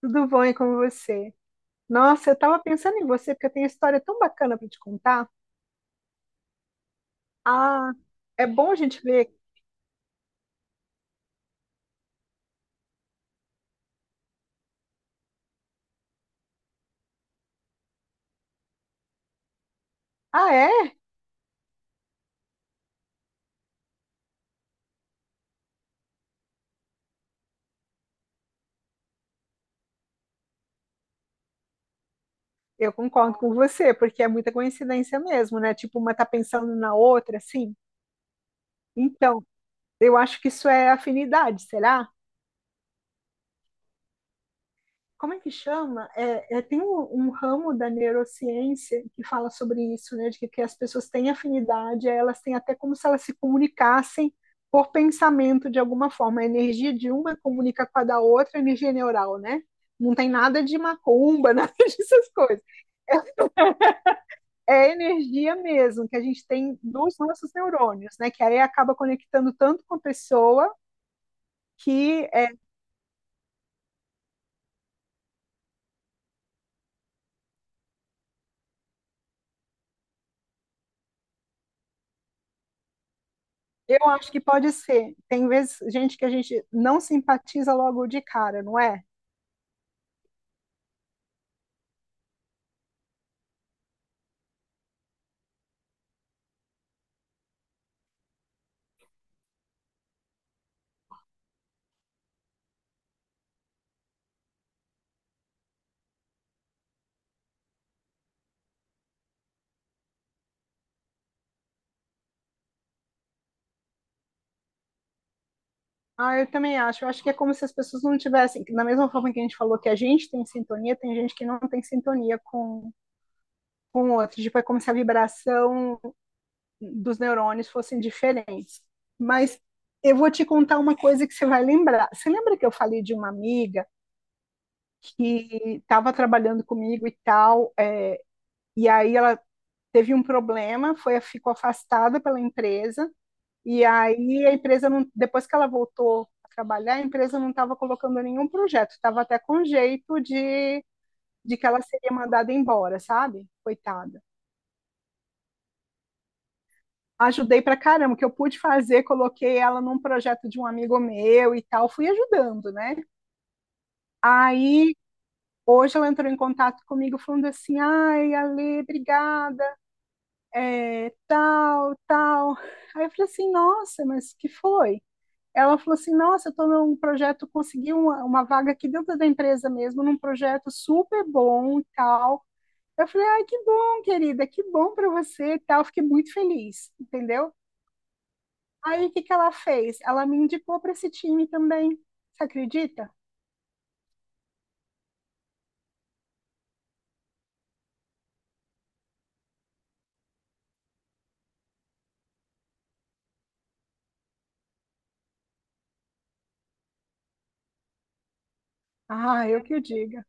Tudo bom e com você? Nossa, eu tava pensando em você porque eu tenho uma história tão bacana para te contar. Ah, é bom a gente ver. Ah, é? Eu concordo com você, porque é muita coincidência mesmo, né? Tipo, uma tá pensando na outra, assim. Então, eu acho que isso é afinidade, será? Como é que chama? Tem um ramo da neurociência que fala sobre isso, né? De que as pessoas têm afinidade, elas têm até como se elas se comunicassem por pensamento de alguma forma. A energia de uma comunica com a da outra, a energia neural, né? Não tem nada de macumba, nada dessas coisas. É energia mesmo que a gente tem dos nossos neurônios, né? Que aí acaba conectando tanto com a pessoa que... Eu acho que pode ser. Tem vezes, gente, que a gente não simpatiza logo de cara, não é? Ah, eu também acho. Eu acho que é como se as pessoas não tivessem. Da mesma forma que a gente falou que a gente tem sintonia, tem gente que não tem sintonia com o outro. Tipo, é como se a vibração dos neurônios fossem diferentes. Mas eu vou te contar uma coisa que você vai lembrar. Você lembra que eu falei de uma amiga que estava trabalhando comigo e tal, é, e aí ela teve um problema, foi, ficou afastada pela empresa. E aí a empresa não, depois que ela voltou a trabalhar, a empresa não estava colocando nenhum projeto, estava até com jeito de que ela seria mandada embora, sabe? Coitada. Ajudei pra caramba, o que eu pude fazer, coloquei ela num projeto de um amigo meu e tal, fui ajudando, né? Aí hoje ela entrou em contato comigo falando assim, ai, Ale, obrigada, é, tal, tal. Aí eu falei assim, nossa, mas que foi? Ela falou assim: nossa, eu estou num projeto, consegui uma vaga aqui dentro da empresa mesmo, num projeto super bom e tal. Eu falei: ai, que bom, querida, que bom para você e tal. Fiquei muito feliz, entendeu? Aí o que que ela fez? Ela me indicou para esse time também. Você acredita? Ah, eu que o diga.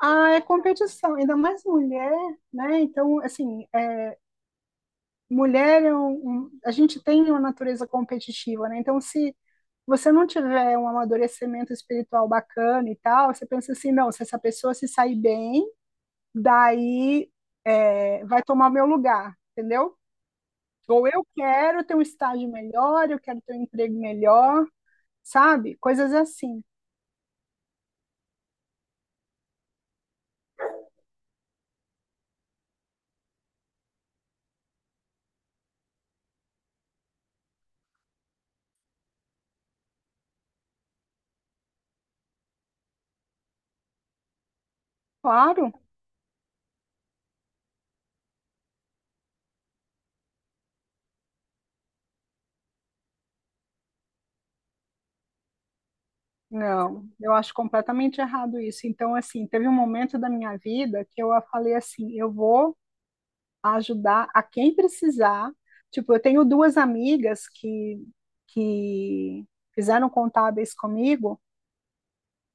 Ah, é competição, ainda mais mulher, né? Então, assim, mulher é a gente tem uma natureza competitiva, né? Então, se você não tiver um amadurecimento espiritual bacana e tal, você pensa assim, não, se essa pessoa se sair bem, daí é, vai tomar meu lugar, entendeu? Ou eu quero ter um estágio melhor, eu quero ter um emprego melhor, sabe? Coisas assim. Claro, não, eu acho completamente errado isso. Então, assim, teve um momento da minha vida que eu falei assim, eu vou a ajudar a quem precisar. Tipo, eu tenho duas amigas que fizeram contábeis comigo,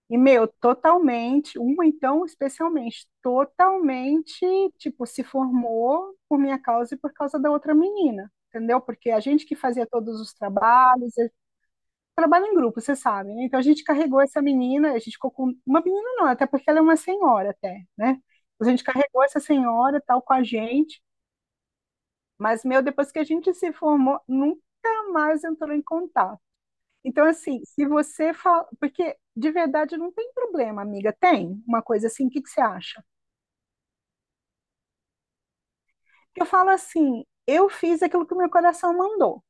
e, meu, totalmente, uma então especialmente, totalmente, tipo, se formou por minha causa e por causa da outra menina, entendeu? Porque a gente que fazia todos os trabalhos, trabalha em grupo, vocês sabem, né? Então a gente carregou essa menina, a gente ficou com uma menina não, até porque ela é uma senhora até, né? A gente carregou essa senhora tal com a gente, mas, meu, depois que a gente se formou, nunca mais entrou em contato. Então, assim, se você fala. Porque, de verdade, não tem problema, amiga. Tem uma coisa assim, o que, que você acha? Eu falo assim, eu fiz aquilo que o meu coração mandou.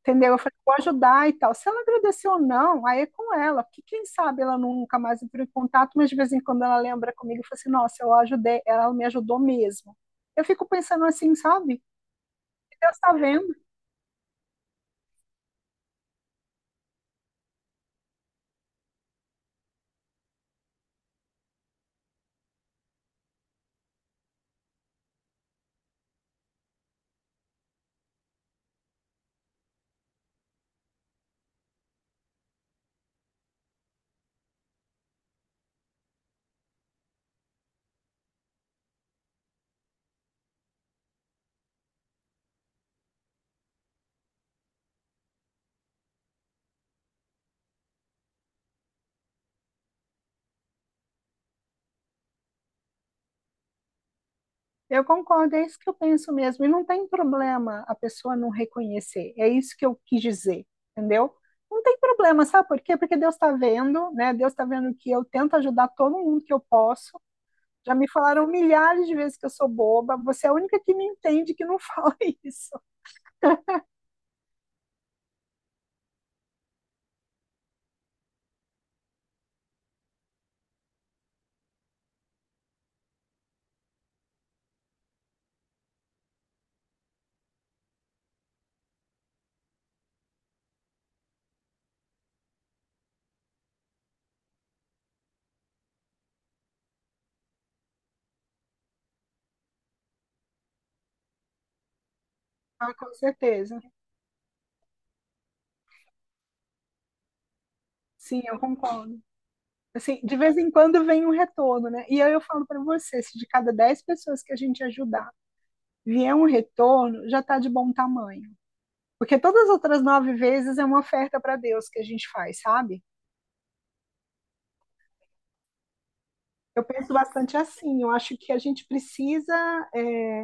Entendeu? Eu falei, vou ajudar e tal. Se ela agradeceu ou não, aí é com ela, porque quem sabe ela nunca mais entrou em contato, mas de vez em quando ela lembra comigo e fala assim: nossa, eu ajudei, ela me ajudou mesmo. Eu fico pensando assim, sabe? Deus está vendo. Eu concordo, é isso que eu penso mesmo. E não tem problema a pessoa não reconhecer. É isso que eu quis dizer, entendeu? Não tem problema, sabe por quê? Porque Deus está vendo, né? Deus está vendo que eu tento ajudar todo mundo que eu posso. Já me falaram milhares de vezes que eu sou boba. Você é a única que me entende que não fala isso. Ah, com certeza. Sim, eu concordo. Assim, de vez em quando vem um retorno, né? E aí eu falo para você, se de cada 10 pessoas que a gente ajudar vier um retorno, já está de bom tamanho. Porque todas as outras nove vezes é uma oferta para Deus que a gente faz, sabe? Eu penso bastante assim. Eu acho que a gente precisa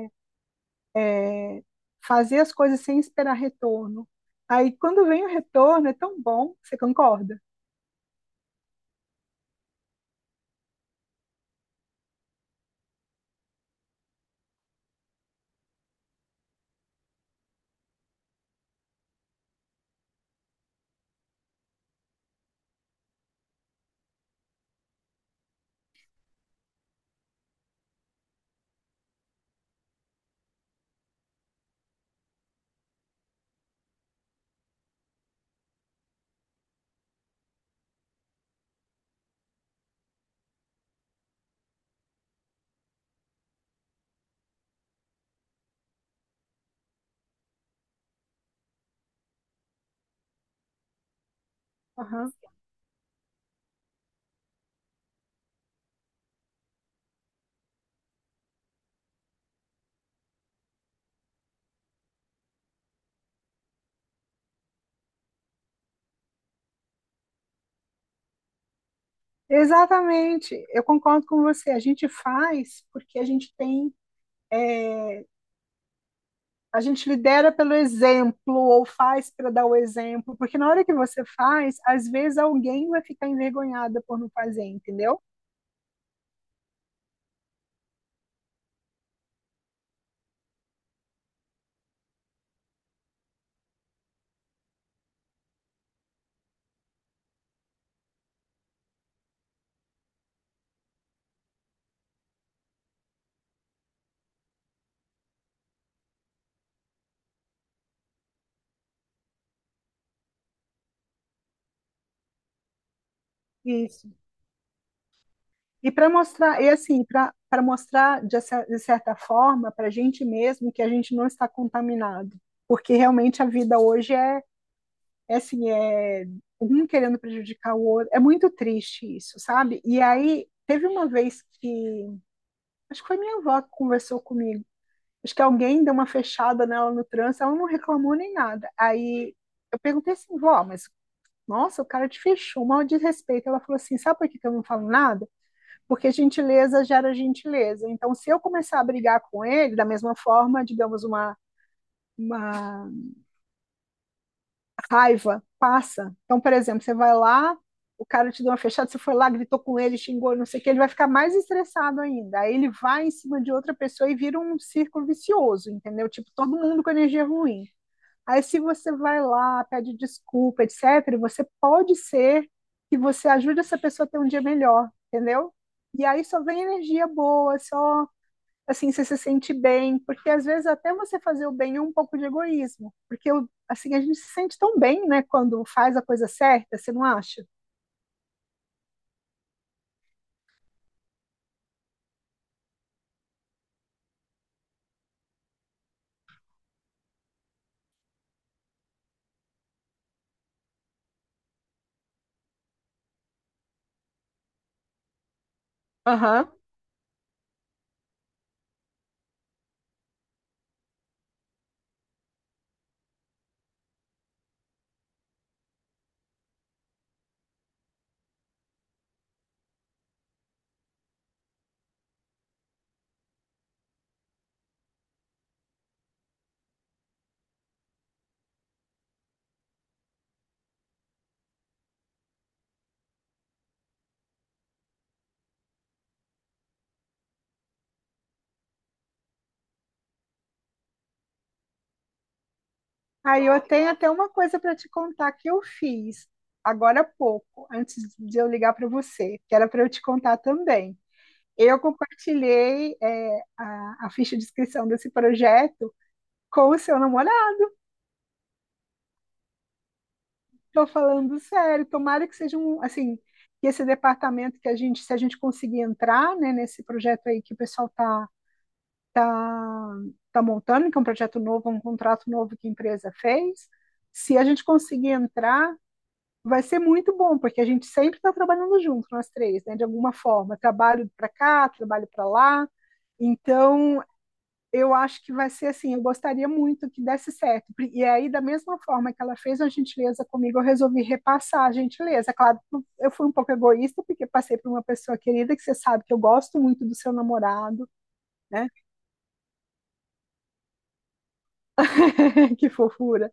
é, fazer as coisas sem esperar retorno. Aí, quando vem o retorno, é tão bom. Você concorda? Aham. Exatamente. Eu concordo com você. A gente faz porque a gente tem. É, a gente lidera pelo exemplo ou faz para dar o exemplo, porque na hora que você faz, às vezes alguém vai ficar envergonhada por não fazer, entendeu? E E para mostrar, e assim, para mostrar de, cer- de certa forma para a gente mesmo que a gente não está contaminado, porque realmente a vida hoje é, é assim, é um querendo prejudicar o outro, é muito triste isso, sabe? E aí teve uma vez que, acho que foi minha avó que conversou comigo, acho que alguém deu uma fechada nela no trânsito, ela não reclamou nem nada. Aí eu perguntei assim, vó, mas nossa, o cara te fechou, mal desrespeito. Ela falou assim, sabe por que que eu não falo nada? Porque gentileza gera gentileza. Então, se eu começar a brigar com ele, da mesma forma, digamos, uma raiva passa. Então, por exemplo, você vai lá, o cara te deu uma fechada, você foi lá, gritou com ele, xingou, não sei o que, ele vai ficar mais estressado ainda. Aí ele vai em cima de outra pessoa e vira um círculo vicioso, entendeu? Tipo, todo mundo com energia ruim. Aí, se você vai lá, pede desculpa, etc., você pode ser que você ajude essa pessoa a ter um dia melhor, entendeu? E aí só vem energia boa, só assim, você se sente bem, porque às vezes até você fazer o bem é um pouco de egoísmo, porque assim, a gente se sente tão bem, né, quando faz a coisa certa, você não acha? Aham. Aí eu tenho até uma coisa para te contar que eu fiz agora há pouco, antes de eu ligar para você, que era para eu te contar também. Eu compartilhei, é, a ficha de inscrição desse projeto com o seu namorado. Estou falando sério, tomara que seja um, assim, que esse departamento que a gente, se a gente conseguir entrar, né, nesse projeto aí que o pessoal tá, tá, tá montando, que é um projeto novo, um contrato novo que a empresa fez, se a gente conseguir entrar, vai ser muito bom, porque a gente sempre está trabalhando junto, nós três, né, de alguma forma, trabalho para cá, trabalho para lá, então eu acho que vai ser assim, eu gostaria muito que desse certo. E aí, da mesma forma que ela fez a gentileza comigo, eu resolvi repassar a gentileza. Claro, eu fui um pouco egoísta, porque passei por uma pessoa querida, que você sabe que eu gosto muito do seu namorado, né? Que fofura.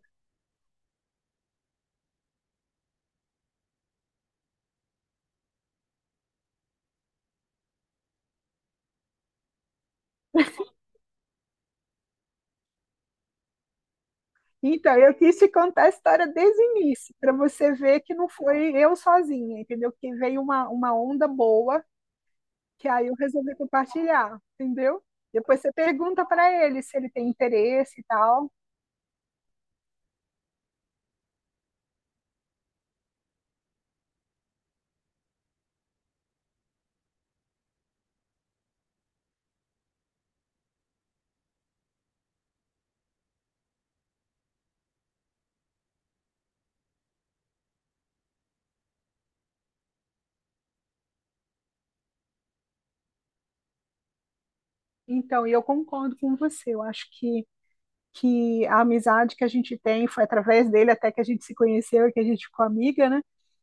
Então, eu quis te contar a história desde o início, para você ver que não foi eu sozinha, entendeu? Que veio uma onda boa, que aí eu resolvi compartilhar, entendeu? Depois você pergunta para ele se ele tem interesse e tal. Então, e eu concordo com você. Eu acho que a amizade que a gente tem foi através dele até que a gente se conheceu e que a gente ficou amiga, né?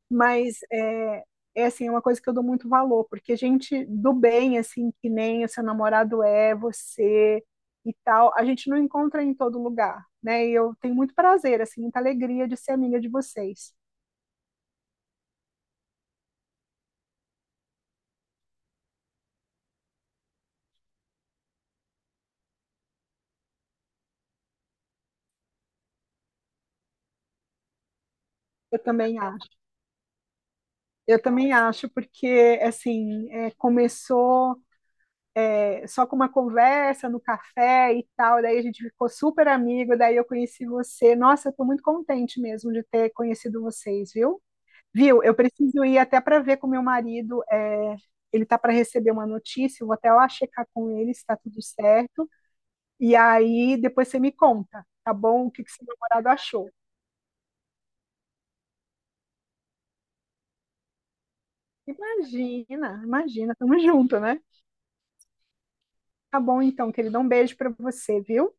Mas é, é assim, é uma coisa que eu dou muito valor, porque gente do bem, assim, que nem o seu namorado é, você e tal, a gente não encontra em todo lugar, né? E eu tenho muito prazer, assim, muita alegria de ser amiga de vocês. Eu também acho. Eu também acho, porque assim, é, começou é, só com uma conversa no café e tal, daí a gente ficou super amigo, daí eu conheci você. Nossa, eu tô muito contente mesmo de ter conhecido vocês, viu? Viu? Eu preciso ir até para ver com meu marido, é, ele tá para receber uma notícia, eu vou até lá checar com ele se tá tudo certo, e aí depois você me conta, tá bom? O que que seu namorado achou? Imagina, imagina, tamo junto, né? Tá bom então, querido, um beijo para você, viu?